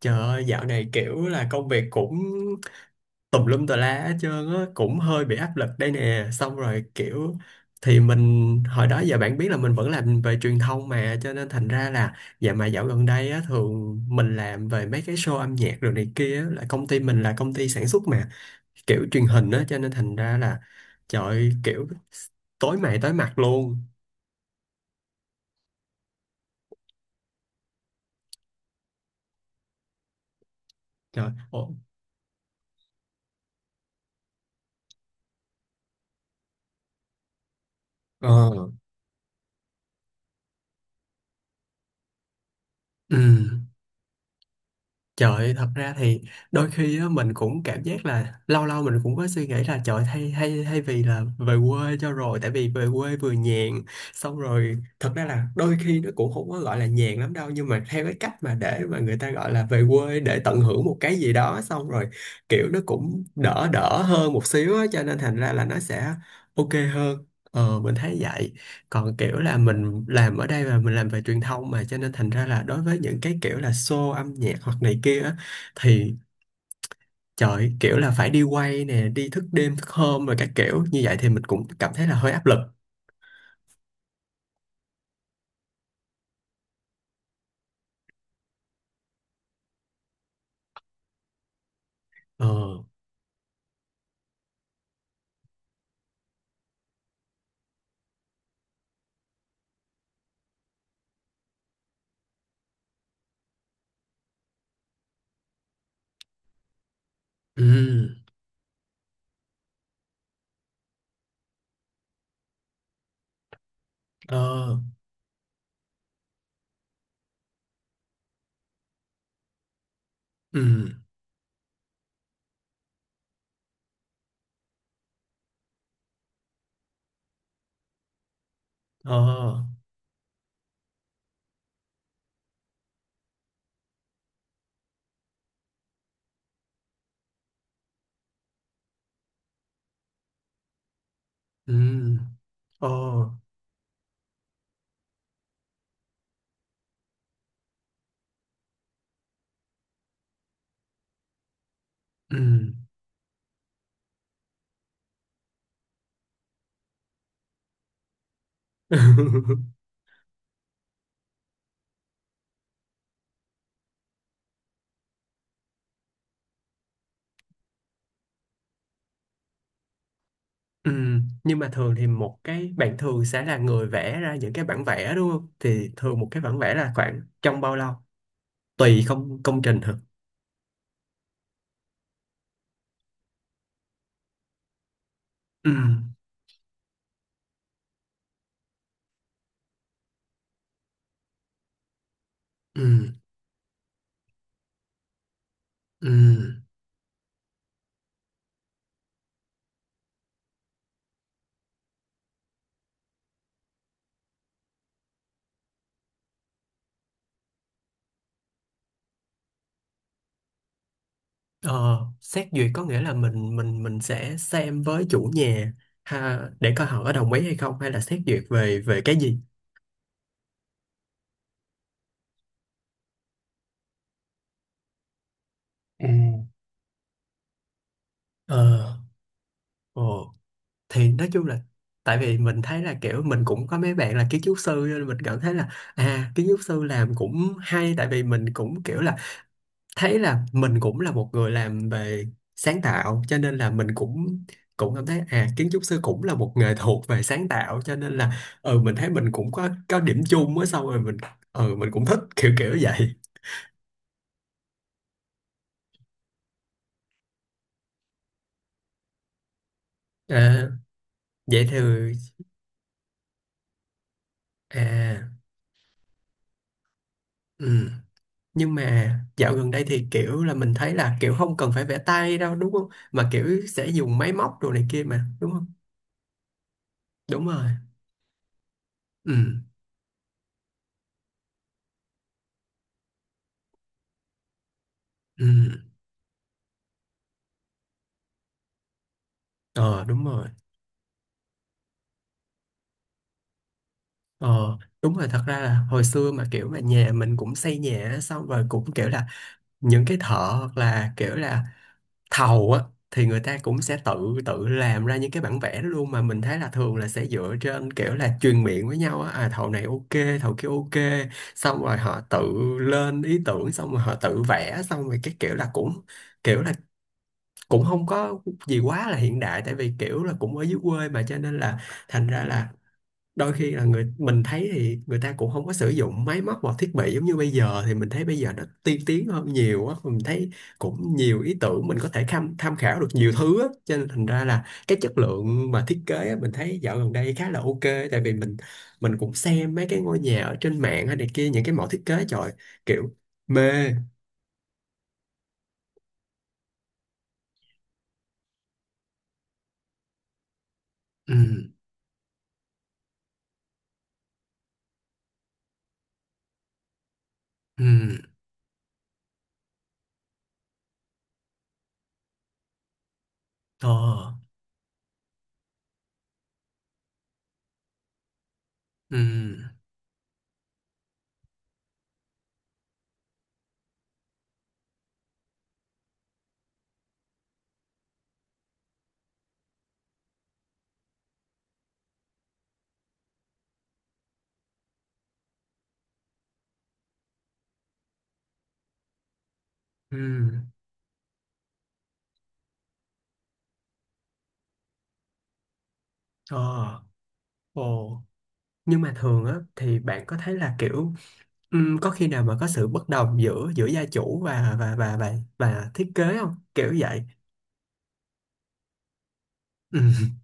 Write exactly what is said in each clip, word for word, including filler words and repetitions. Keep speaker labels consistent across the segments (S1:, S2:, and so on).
S1: Trời ơi, dạo này kiểu là công việc cũng tùm lum tà lá hết trơn á, cũng hơi bị áp lực đây nè. Xong rồi kiểu thì mình hồi đó giờ bạn biết là mình vẫn làm về truyền thông mà, cho nên thành ra là dạ mà dạo gần đây á thường mình làm về mấy cái show âm nhạc rồi này kia á, là công ty mình là công ty sản xuất mà kiểu truyền hình á, cho nên thành ra là trời ơi, kiểu tối mày tối mặt luôn. Trời. Ồ. Ờ. Ừ. Trời ơi, thật ra thì đôi khi á, mình cũng cảm giác là lâu lâu mình cũng có suy nghĩ là trời, thay hay hay vì là về quê cho rồi, tại vì về quê vừa nhàn, xong rồi thật ra là đôi khi nó cũng không có gọi là nhàn lắm đâu, nhưng mà theo cái cách mà để mà người ta gọi là về quê để tận hưởng một cái gì đó, xong rồi kiểu nó cũng đỡ đỡ hơn một xíu á, cho nên thành ra là nó sẽ ok hơn. Ờ, mình thấy vậy, còn kiểu là mình làm ở đây và mình làm về truyền thông mà cho nên thành ra là đối với những cái kiểu là show âm nhạc hoặc này kia á, thì trời, kiểu là phải đi quay nè, đi thức đêm thức hôm rồi các kiểu như vậy thì mình cũng cảm thấy là hơi áp lực. Ờ. Ừ. Ờ. Ừ. Ờ. Ừ. Ờ. Ừ. Ừ, nhưng mà thường thì một cái bạn thường sẽ là người vẽ ra những cái bản vẽ đúng không, thì thường một cái bản vẽ là khoảng trong bao lâu, tùy không, công trình hả? Ừ. Ừ, ừ. Ờ, xét duyệt có nghĩa là mình mình mình sẽ xem với chủ nhà ha, để coi họ có đồng ý hay không, hay là xét duyệt về về cái gì. À. Ờ. Ồ, thì nói chung là tại vì mình thấy là kiểu mình cũng có mấy bạn là kiến trúc sư nên mình cảm thấy là à, kiến trúc sư làm cũng hay, tại vì mình cũng kiểu là thấy là mình cũng là một người làm về sáng tạo cho nên là mình cũng cũng cảm thấy à, kiến trúc sư cũng là một nghề thuộc về sáng tạo cho nên là ừ, mình thấy mình cũng có có điểm chung á, xong rồi mình ừ, mình cũng thích kiểu kiểu vậy. À, vậy thì à. Ừ. Nhưng mà dạo gần đây thì kiểu là mình thấy là kiểu không cần phải vẽ tay đâu đúng không, mà kiểu sẽ dùng máy móc đồ này kia mà đúng không. Đúng rồi. Ừ. Ừ. Ờ, đúng rồi. Ờ, đúng rồi, thật ra là hồi xưa mà kiểu mà nhà mình cũng xây nhà á, xong rồi cũng kiểu là những cái thợ hoặc là kiểu là thầu á, thì người ta cũng sẽ tự tự làm ra những cái bản vẽ đó luôn, mà mình thấy là thường là sẽ dựa trên kiểu là truyền miệng với nhau á, à thầu này ok, thầu kia ok, xong rồi họ tự lên ý tưởng, xong rồi họ tự vẽ, xong rồi cái kiểu là cũng kiểu là cũng không có gì quá là hiện đại, tại vì kiểu là cũng ở dưới quê mà cho nên là thành ra là đôi khi là người mình thấy thì người ta cũng không có sử dụng máy móc hoặc thiết bị giống như bây giờ, thì mình thấy bây giờ nó tiên tiến hơn nhiều á, mình thấy cũng nhiều ý tưởng mình có thể tham tham khảo được nhiều thứ á, cho nên thành ra là cái chất lượng mà thiết kế á, mình thấy dạo gần đây khá là ok, tại vì mình mình cũng xem mấy cái ngôi nhà ở trên mạng hay này kia, những cái mẫu thiết kế, trời, kiểu mê. Ừ. Ừ. Ờ. Ừ. Ừ. Ờ. Ồ, nhưng mà thường á thì bạn có thấy là kiểu ừm, có khi nào mà có sự bất đồng giữa giữa gia chủ và và và và và thiết kế không, kiểu vậy. Ừ.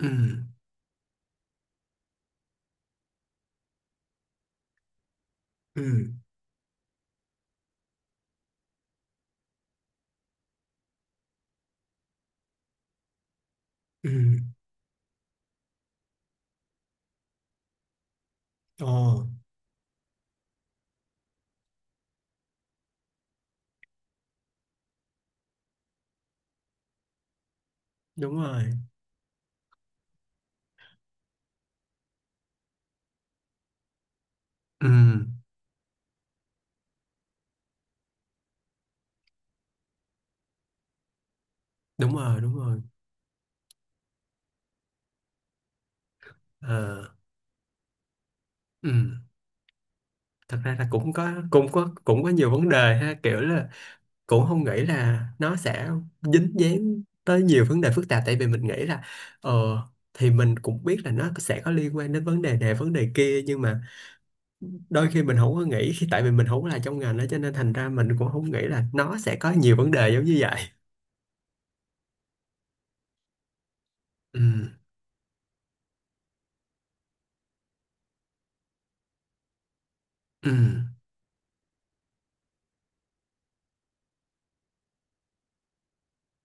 S1: Ừ. Ừ. Ừ. Ồ. Đúng rồi. Ừ. Đúng rồi, đúng rồi. Ờ. Ừ, thật ra là cũng có cũng có cũng có nhiều vấn đề ha, kiểu là cũng không nghĩ là nó sẽ dính dáng tới nhiều vấn đề phức tạp, tại vì mình nghĩ là ờ thì mình cũng biết là nó sẽ có liên quan đến vấn đề này vấn đề kia, nhưng mà đôi khi mình không có nghĩ khi, tại vì mình không có là trong ngành đó cho nên thành ra mình cũng không nghĩ là nó sẽ có nhiều vấn đề giống như vậy. Ừ. Ừ.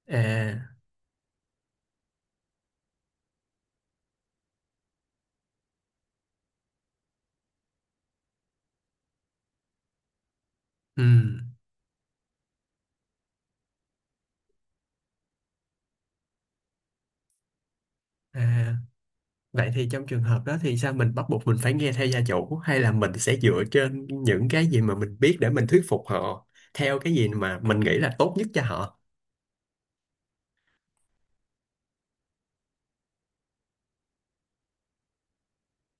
S1: À. Ừ. À, vậy thì trong trường hợp đó thì sao, mình bắt buộc mình phải nghe theo gia chủ hay là mình sẽ dựa trên những cái gì mà mình biết để mình thuyết phục họ theo cái gì mà mình nghĩ là tốt nhất cho họ.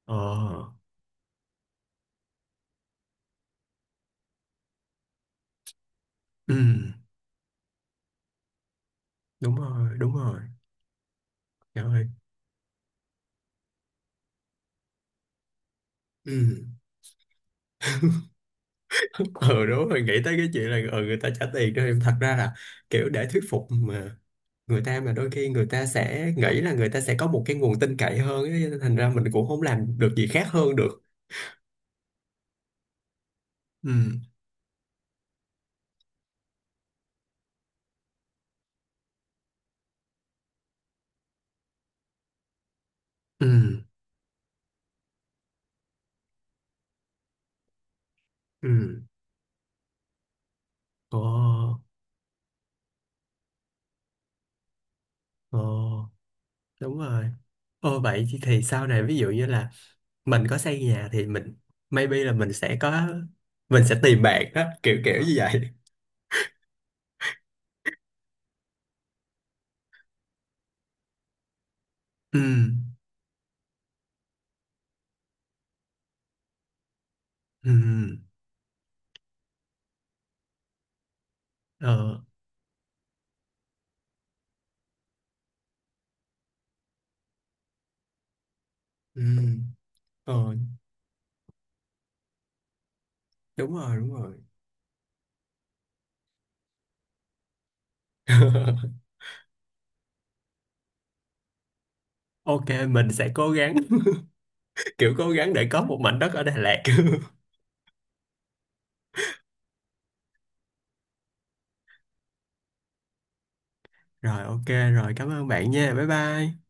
S1: Ờ. Ừ. Đúng rồi, đúng rồi. Trời ơi. Ừ. Ừ, đúng rồi, nghĩ tới cái chuyện là ừ, người ta trả tiền cho em, thật ra là kiểu để thuyết phục mà, người ta mà đôi khi người ta sẽ nghĩ là người ta sẽ có một cái nguồn tin cậy hơn ấy, cho nên thành ra mình cũng không làm được gì khác hơn được. Ừ. Ừ. Ừ. Ồ. Ồ, đúng rồi. Ồ, vậy thì, thì sau này ví dụ như là mình có xây nhà thì mình maybe là mình sẽ có, mình sẽ tìm bạn đó, kiểu kiểu như vậy. Ừ. Ừ. Ờ. Ừ. Ờ. Đúng rồi, đúng rồi. Ok, mình sẽ cố gắng, kiểu cố gắng để có một mảnh đất ở Đà Lạt. Rồi, ok, rồi, cảm ơn bạn nha, bye bye.